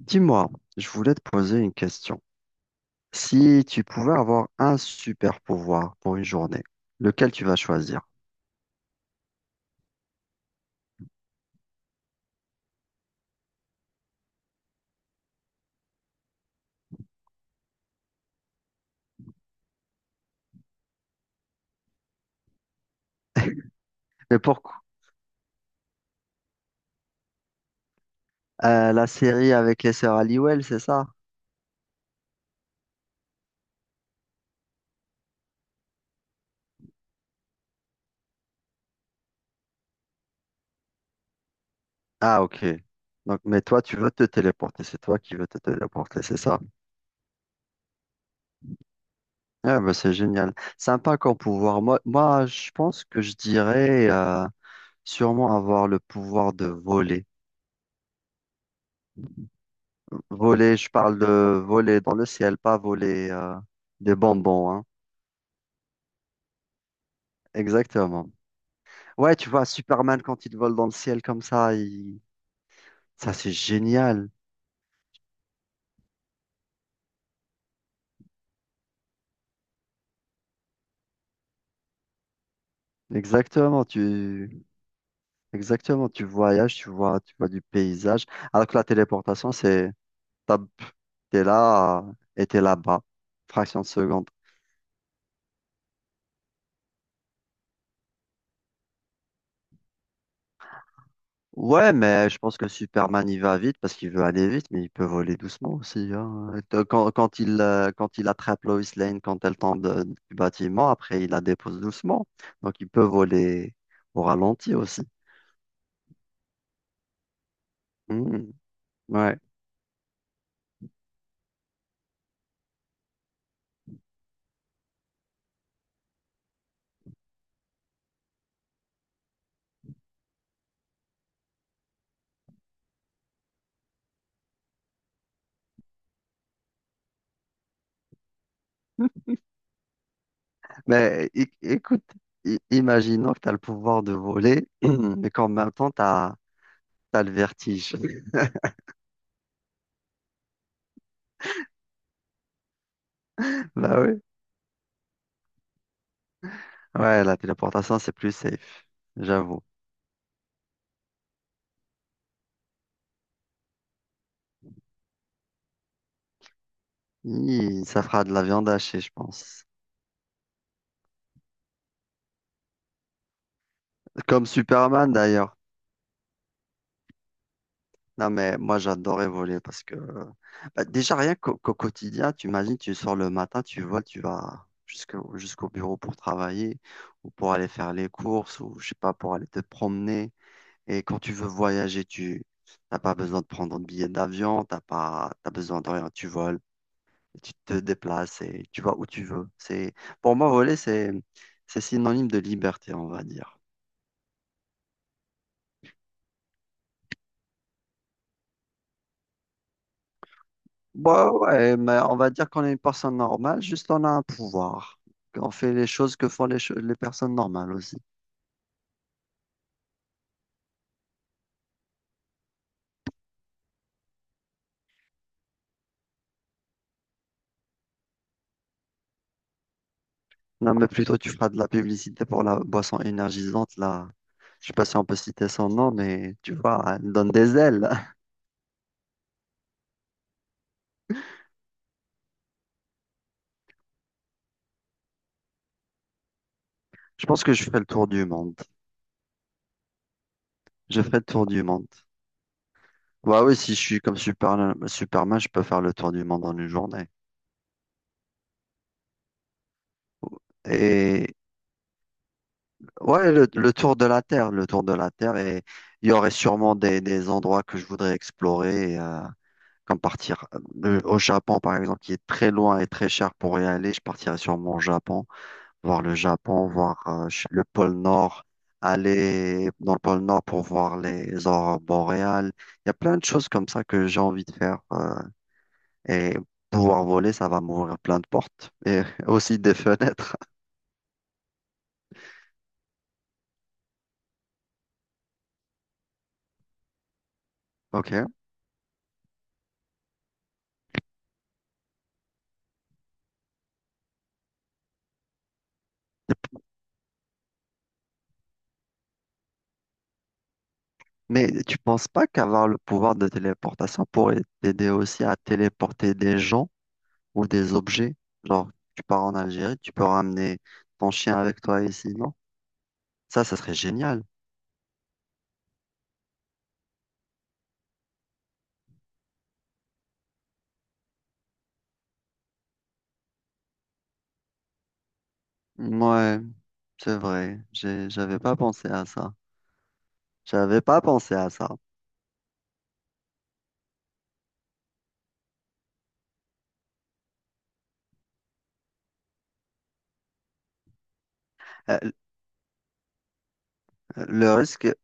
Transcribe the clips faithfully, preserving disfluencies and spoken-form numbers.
Dis-moi, je voulais te poser une question. Si tu pouvais avoir un super pouvoir pour une journée, lequel tu vas choisir? Mais pourquoi Euh, la série avec les sœurs Halliwell, c'est ça? Ah, ok. Donc, mais toi, tu veux te téléporter. C'est toi qui veux te téléporter, c'est ça? Ah, bah, c'est génial. Sympa comme pouvoir. Moi, moi, je pense que je dirais euh, sûrement avoir le pouvoir de voler. Voler, je parle de voler dans le ciel, pas voler euh, des bonbons, hein. Exactement. Ouais, tu vois, Superman, quand il vole dans le ciel comme ça, il- ça c'est génial. Exactement, tu... Exactement, tu voyages, tu vois, tu vois du paysage. Alors que la téléportation, c'est, t'as- t'es là et t'es là-bas, fraction de seconde. Ouais, mais je pense que Superman, il va vite parce qu'il veut aller vite, mais il peut voler doucement aussi, hein. Et te- Quand, quand il, euh, quand il attrape Lois Lane, quand elle tombe de- du bâtiment, après, il la dépose doucement. Donc, il peut voler au ralenti aussi. Mhm. Ouais. Mais é- écoute, i- imaginons que tu as le pouvoir de voler, mais qu'en même temps, tu as le vertige. Bah oui. Ouais, la téléportation, c'est plus safe, j'avoue. Hi, ça fera de la viande hachée, je pense. Comme Superman, d'ailleurs. Non, mais moi, j'adorais voler parce que bah, déjà, rien qu'au qu'au quotidien, tu imagines, tu sors le matin, tu voles, tu vas jusqu'au jusqu'au bureau pour travailler ou pour aller faire les courses ou, je sais pas, pour aller te promener. Et quand tu veux voyager, tu n'as pas besoin de prendre un billet d'avion, t'as pas, t'as besoin de rien. Tu voles, tu te déplaces et tu vas où tu veux. C'est, pour moi, voler, c'est, c'est synonyme de liberté, on va dire. Bah ouais, mais on va dire qu'on est une personne normale, juste on a un pouvoir. On fait les choses que font les, cho- les personnes normales aussi. Non, mais plutôt tu feras de la publicité pour la boisson énergisante, là. Je sais pas si on peut citer son nom, mais tu vois, elle donne des ailes. Je pense que je fais le tour du monde. J'ai fait le tour du monde. Bah oui, si je suis comme Super- Superman, je peux faire le tour du monde en une journée. Et ouais, le, le tour de la Terre, le tour de la Terre, et il y aurait sûrement des, des endroits que je voudrais explorer, euh, comme partir euh, au Japon, par exemple, qui est très loin et très cher pour y aller. Je partirais sûrement au Japon, voir le Japon, voir euh, ch- le pôle Nord, aller dans le pôle Nord pour voir les aurores boréales. Il y a plein de choses comme ça que j'ai envie de faire. euh, Et pouvoir voler, ça va m'ouvrir plein de portes et aussi des fenêtres. OK. Mais tu penses pas qu'avoir le pouvoir de téléportation pourrait t'aider aussi à téléporter des gens ou des objets? Genre, tu pars en Algérie, tu peux ramener ton chien avec toi ici, non? Ça, ça serait génial. Ouais, c'est vrai. J'ai- J'avais pas pensé à ça. J'avais pas pensé à ça. Euh, Le risque,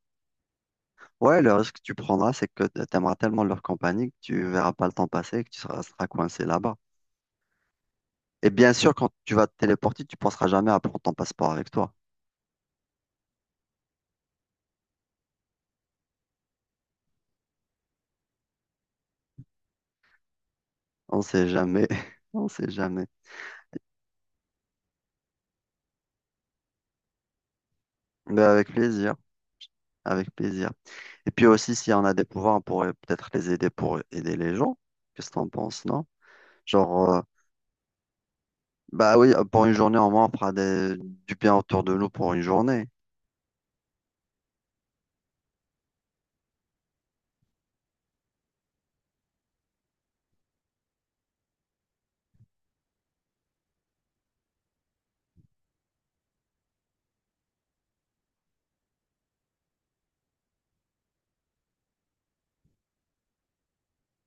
ouais, le risque que tu prendras, c'est que t'aimeras tellement leur compagnie que tu verras pas le temps passer et que tu seras seras coincé là-bas. Et bien sûr, quand tu vas te téléporter, tu penseras jamais à prendre ton passeport avec toi. On sait jamais. On sait jamais. Mais avec plaisir. Avec plaisir. Et puis aussi, si on a des pouvoirs, on pourrait peut-être les aider pour aider les gens. Qu'est-ce que t'en penses, non? Genre, euh, bah oui, euh, pour une journée, au moins, on fera des- du bien autour de nous pour une journée.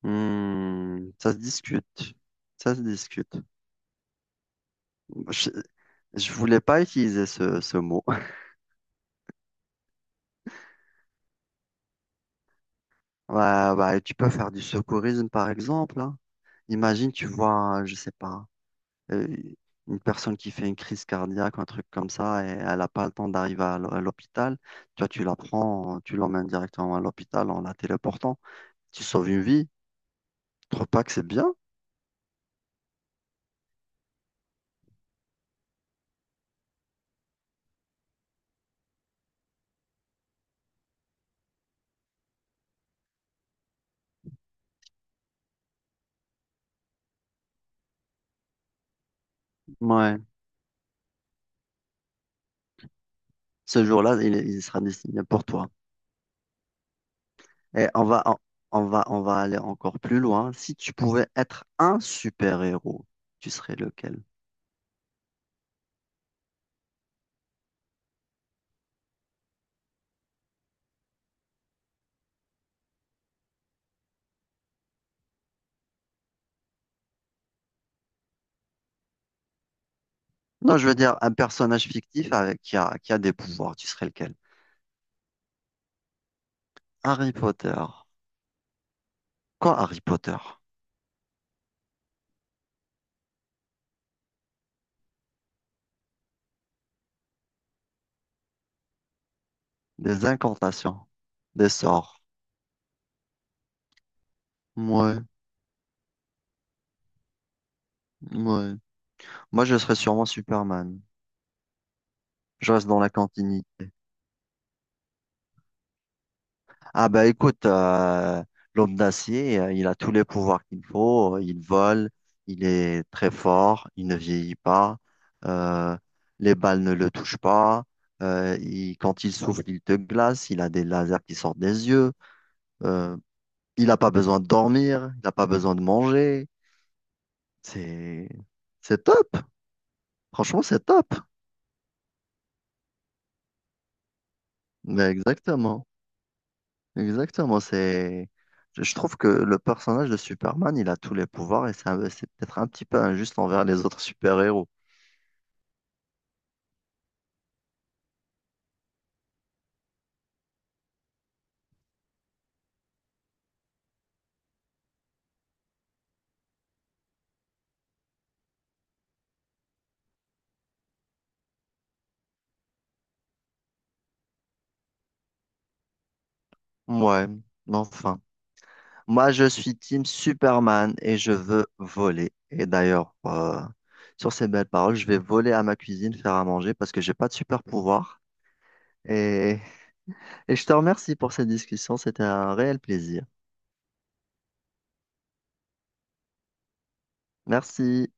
Hmm, ça se discute. Ça se discute. Je, je voulais pas utiliser ce, ce mot. Ouais, bah, tu peux faire du secourisme, par exemple, hein. Imagine, tu vois, je sais pas. euh, une personne qui fait une crise cardiaque, un truc comme ça, et elle n'a pas le temps d'arriver à l'h- à l'hôpital, toi, tu la prends, tu l'emmènes directement à l'hôpital en la téléportant. Tu sauves une vie. Tu trouves pas que c'est bien? Ouais. Ce jour-là, il, il sera destiné pour toi. Et on va, on, on va, on va aller encore plus loin. Si tu pouvais être un super-héros, tu serais lequel? Non, je veux dire un personnage fictif avec qui a, qui a des pouvoirs. Tu serais lequel? Harry Potter. Quoi Harry Potter? Des incantations, des sorts. Ouais, ouais. Moi, je serais sûrement Superman. Je reste dans la continuité. Ah bah écoute, euh, l'homme d'acier, euh, il a tous les pouvoirs qu'il faut, euh, Il vole, il est très fort, il ne vieillit pas, euh, les balles ne le touchent pas. Euh, il- quand il souffle, il te glace. Il a des lasers qui sortent des yeux. Euh, il n'a pas besoin de dormir, il n'a pas besoin de manger. C'est c'est top. Franchement, c'est top. Mais exactement. Exactement. C'est je je trouve que le personnage de Superman, il a tous les pouvoirs et c'est un- c'est peut-être un petit peu injuste envers les autres super-héros. Ouais, mais enfin. Moi, je suis team Superman et je veux voler. Et d'ailleurs, euh, sur ces belles paroles, je vais voler à ma cuisine faire à manger parce que j'ai pas de super-pouvoir. Et, et je te remercie pour cette discussion. C'était un réel plaisir. Merci.